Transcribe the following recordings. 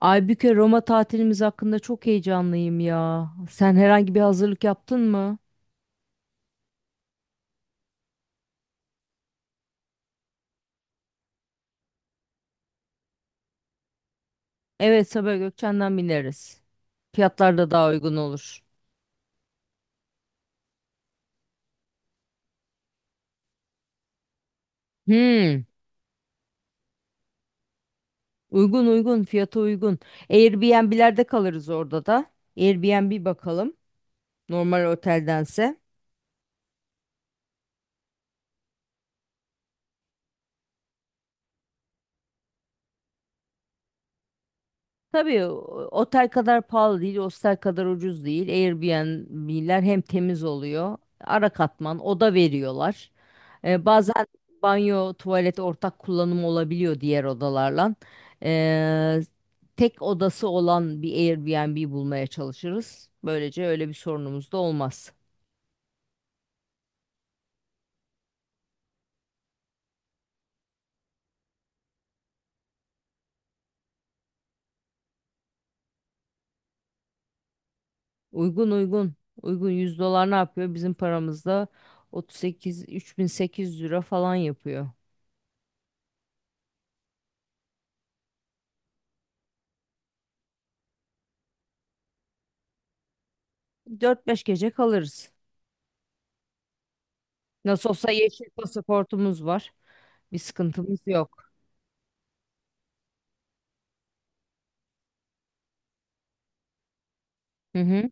Aybüke Roma tatilimiz hakkında çok heyecanlıyım ya. Sen herhangi bir hazırlık yaptın mı? Evet, Sabiha Gökçen'den bineriz. Fiyatlar da daha uygun olur. Hmm, Uygun uygun fiyata uygun. Airbnb'lerde kalırız orada da. Airbnb bakalım normal oteldense. Tabii otel kadar pahalı değil, hostel kadar ucuz değil. Airbnb'ler hem temiz oluyor, ara katman, oda veriyorlar. Bazen banyo, tuvalet ortak kullanım olabiliyor diğer odalarla. Ee, tek odası olan bir Airbnb bulmaya çalışırız. Böylece öyle bir sorunumuz da olmaz. Uygun uygun. Uygun 100 dolar ne yapıyor? Bizim paramızda 38 3800 lira falan yapıyor. 4-5 gece kalırız. Nasıl olsa yeşil pasaportumuz var. Bir sıkıntımız yok. Hı hı.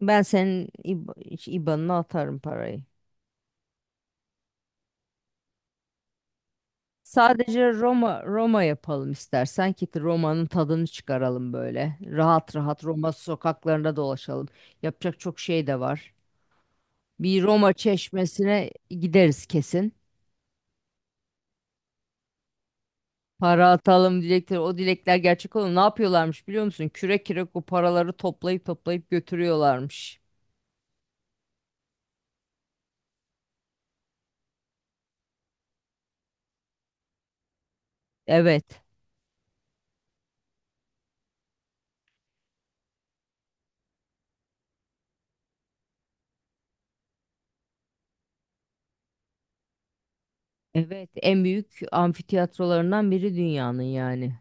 Ben senin IBAN'ına atarım parayı. Sadece Roma Roma yapalım istersen ki Roma'nın tadını çıkaralım böyle. Rahat rahat Roma sokaklarında dolaşalım. Yapacak çok şey de var. Bir Roma çeşmesine gideriz kesin. Para atalım dilekleri. O dilekler gerçek olur. Ne yapıyorlarmış biliyor musun? Kürek kürek o paraları toplayıp toplayıp götürüyorlarmış. Evet. Evet, en büyük amfiteyatrolarından biri dünyanın yani.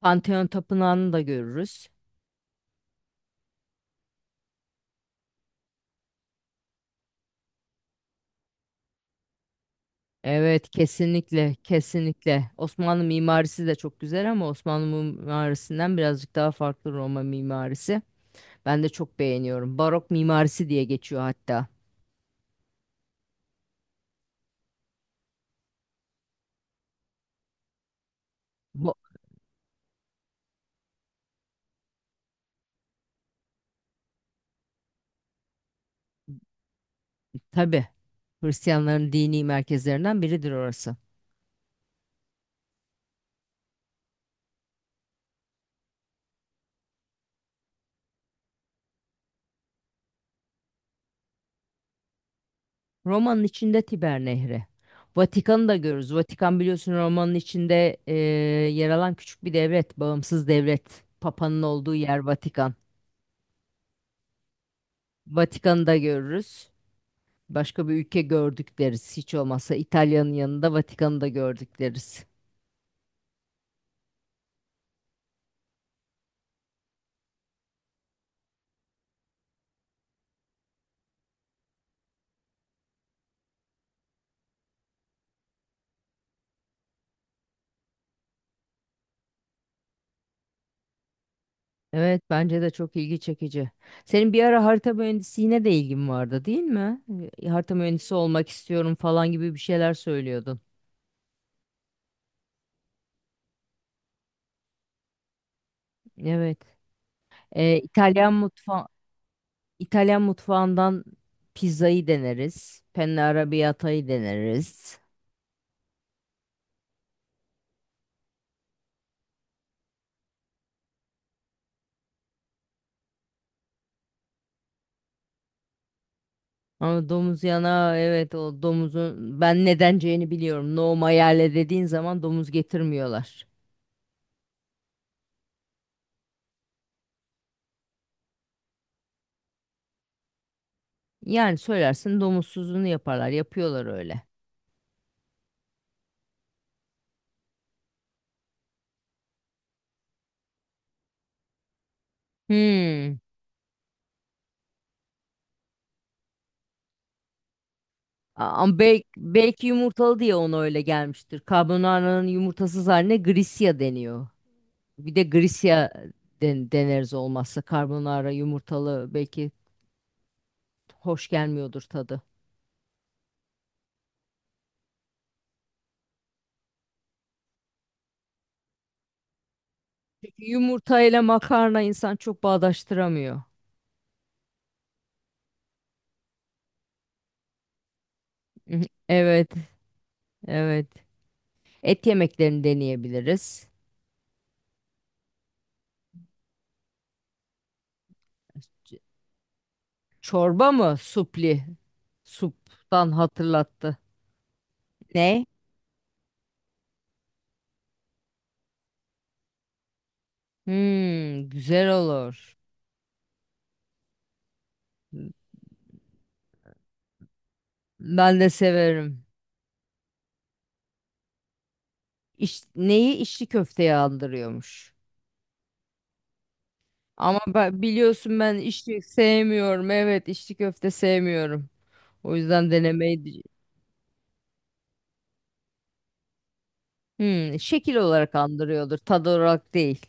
Pantheon Tapınağı'nı da görürüz. Evet, kesinlikle, kesinlikle. Osmanlı mimarisi de çok güzel ama Osmanlı mimarisinden birazcık daha farklı Roma mimarisi. Ben de çok beğeniyorum. Barok mimarisi diye geçiyor hatta. Bu, tabii, Hristiyanların dini merkezlerinden biridir orası. Roma'nın içinde Tiber Nehri. Vatikan'ı da görürüz. Vatikan biliyorsun Roma'nın içinde yer alan küçük bir devlet, bağımsız devlet. Papa'nın olduğu yer Vatikan. Vatikan'ı da görürüz. Başka bir ülke gördük deriz. Hiç olmazsa İtalya'nın yanında Vatikan'ı da gördük deriz. Evet, bence de çok ilgi çekici. Senin bir ara harita mühendisliğine de ilgin vardı, değil mi? Harita mühendisi olmak istiyorum falan gibi bir şeyler söylüyordun. Evet. E, İtalyan mutfağı İtalyan mutfağından pizzayı deneriz. Penne arrabbiata'yı deneriz. Ama domuz yana evet o domuzun ben nedenceğini biliyorum. No maiale dediğin zaman domuz getirmiyorlar. Yani söylersin, domuzsuzunu yaparlar. Yapıyorlar öyle. Hmm. Ama belki yumurtalı diye ona öyle gelmiştir. Carbonara'nın yumurtasız haline grisya deniyor. Bir de grisya deneriz olmazsa. Carbonara yumurtalı belki hoş gelmiyordur tadı. Yumurtayla makarna insan çok bağdaştıramıyor. Mhm. Evet, evet. Et yemeklerini deneyebiliriz. Ç- Çorba mı? Supli. Suptan hatırlattı. Ne? Hmm, güzel olur. Ben de severim. İş, neyi içli köfteye andırıyormuş. Ama ben, biliyorsun, ben içli sevmiyorum. Evet, içli köfte sevmiyorum. O yüzden denemeyi... Hmm, şekil olarak andırıyordur, tad olarak değil.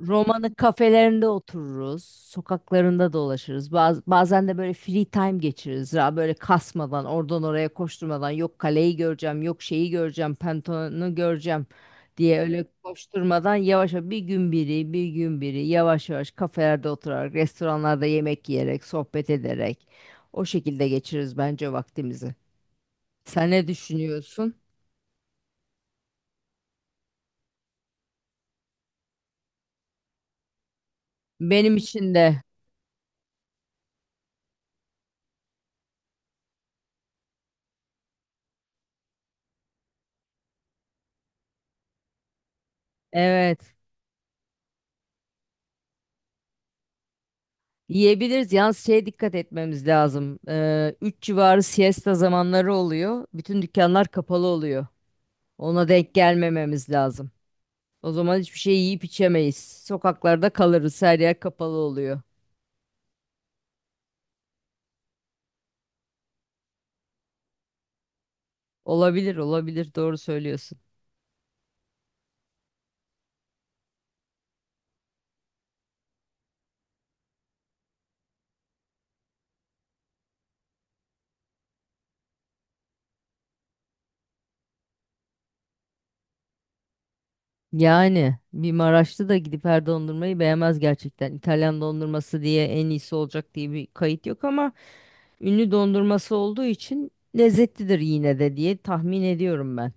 Roma'nın kafelerinde otururuz, sokaklarında dolaşırız. Bazen de böyle free time geçiririz. Ya böyle kasmadan, oradan oraya koşturmadan, yok kaleyi göreceğim, yok şeyi göreceğim, Pantheon'u göreceğim diye öyle koşturmadan, yavaş yavaş, bir gün biri, bir gün biri, yavaş yavaş kafelerde oturarak, restoranlarda yemek yiyerek, sohbet ederek o şekilde geçiririz bence vaktimizi. Sen ne düşünüyorsun? Benim için de evet. Yiyebiliriz. Yalnız şeye dikkat etmemiz lazım. 3 civarı siesta zamanları oluyor. Bütün dükkanlar kapalı oluyor. Ona denk gelmememiz lazım. O zaman hiçbir şey yiyip içemeyiz. Sokaklarda kalırız. Her yer kapalı oluyor. Olabilir, olabilir. Doğru söylüyorsun. Yani bir Maraşlı da gidip her dondurmayı beğenmez gerçekten. İtalyan dondurması diye en iyisi olacak diye bir kayıt yok ama ünlü dondurması olduğu için lezzetlidir yine de diye tahmin ediyorum ben.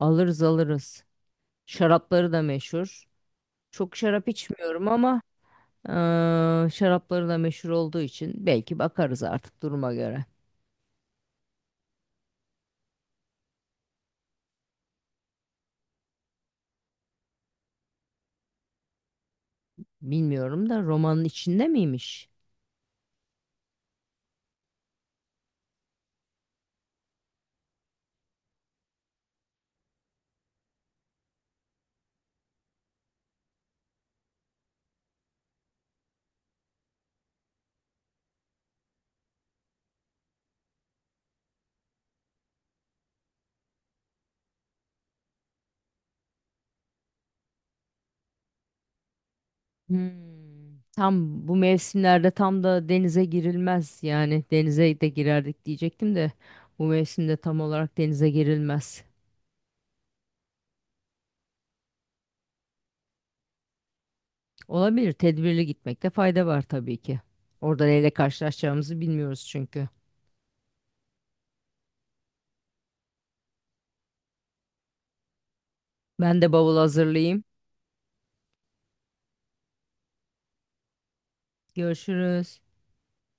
Alırız alırız. Şarapları da meşhur. Çok şarap içmiyorum ama eee, şarapları da meşhur olduğu için belki bakarız artık duruma göre. Bilmiyorum da romanın içinde miymiş? Hmm. Tam bu mevsimlerde tam da denize girilmez. Yani denize de girerdik diyecektim de bu mevsimde tam olarak denize girilmez. Olabilir. Tedbirli gitmekte fayda var tabii ki. Orada neyle karşılaşacağımızı bilmiyoruz çünkü. Ben de bavul hazırlayayım. Görüşürüz.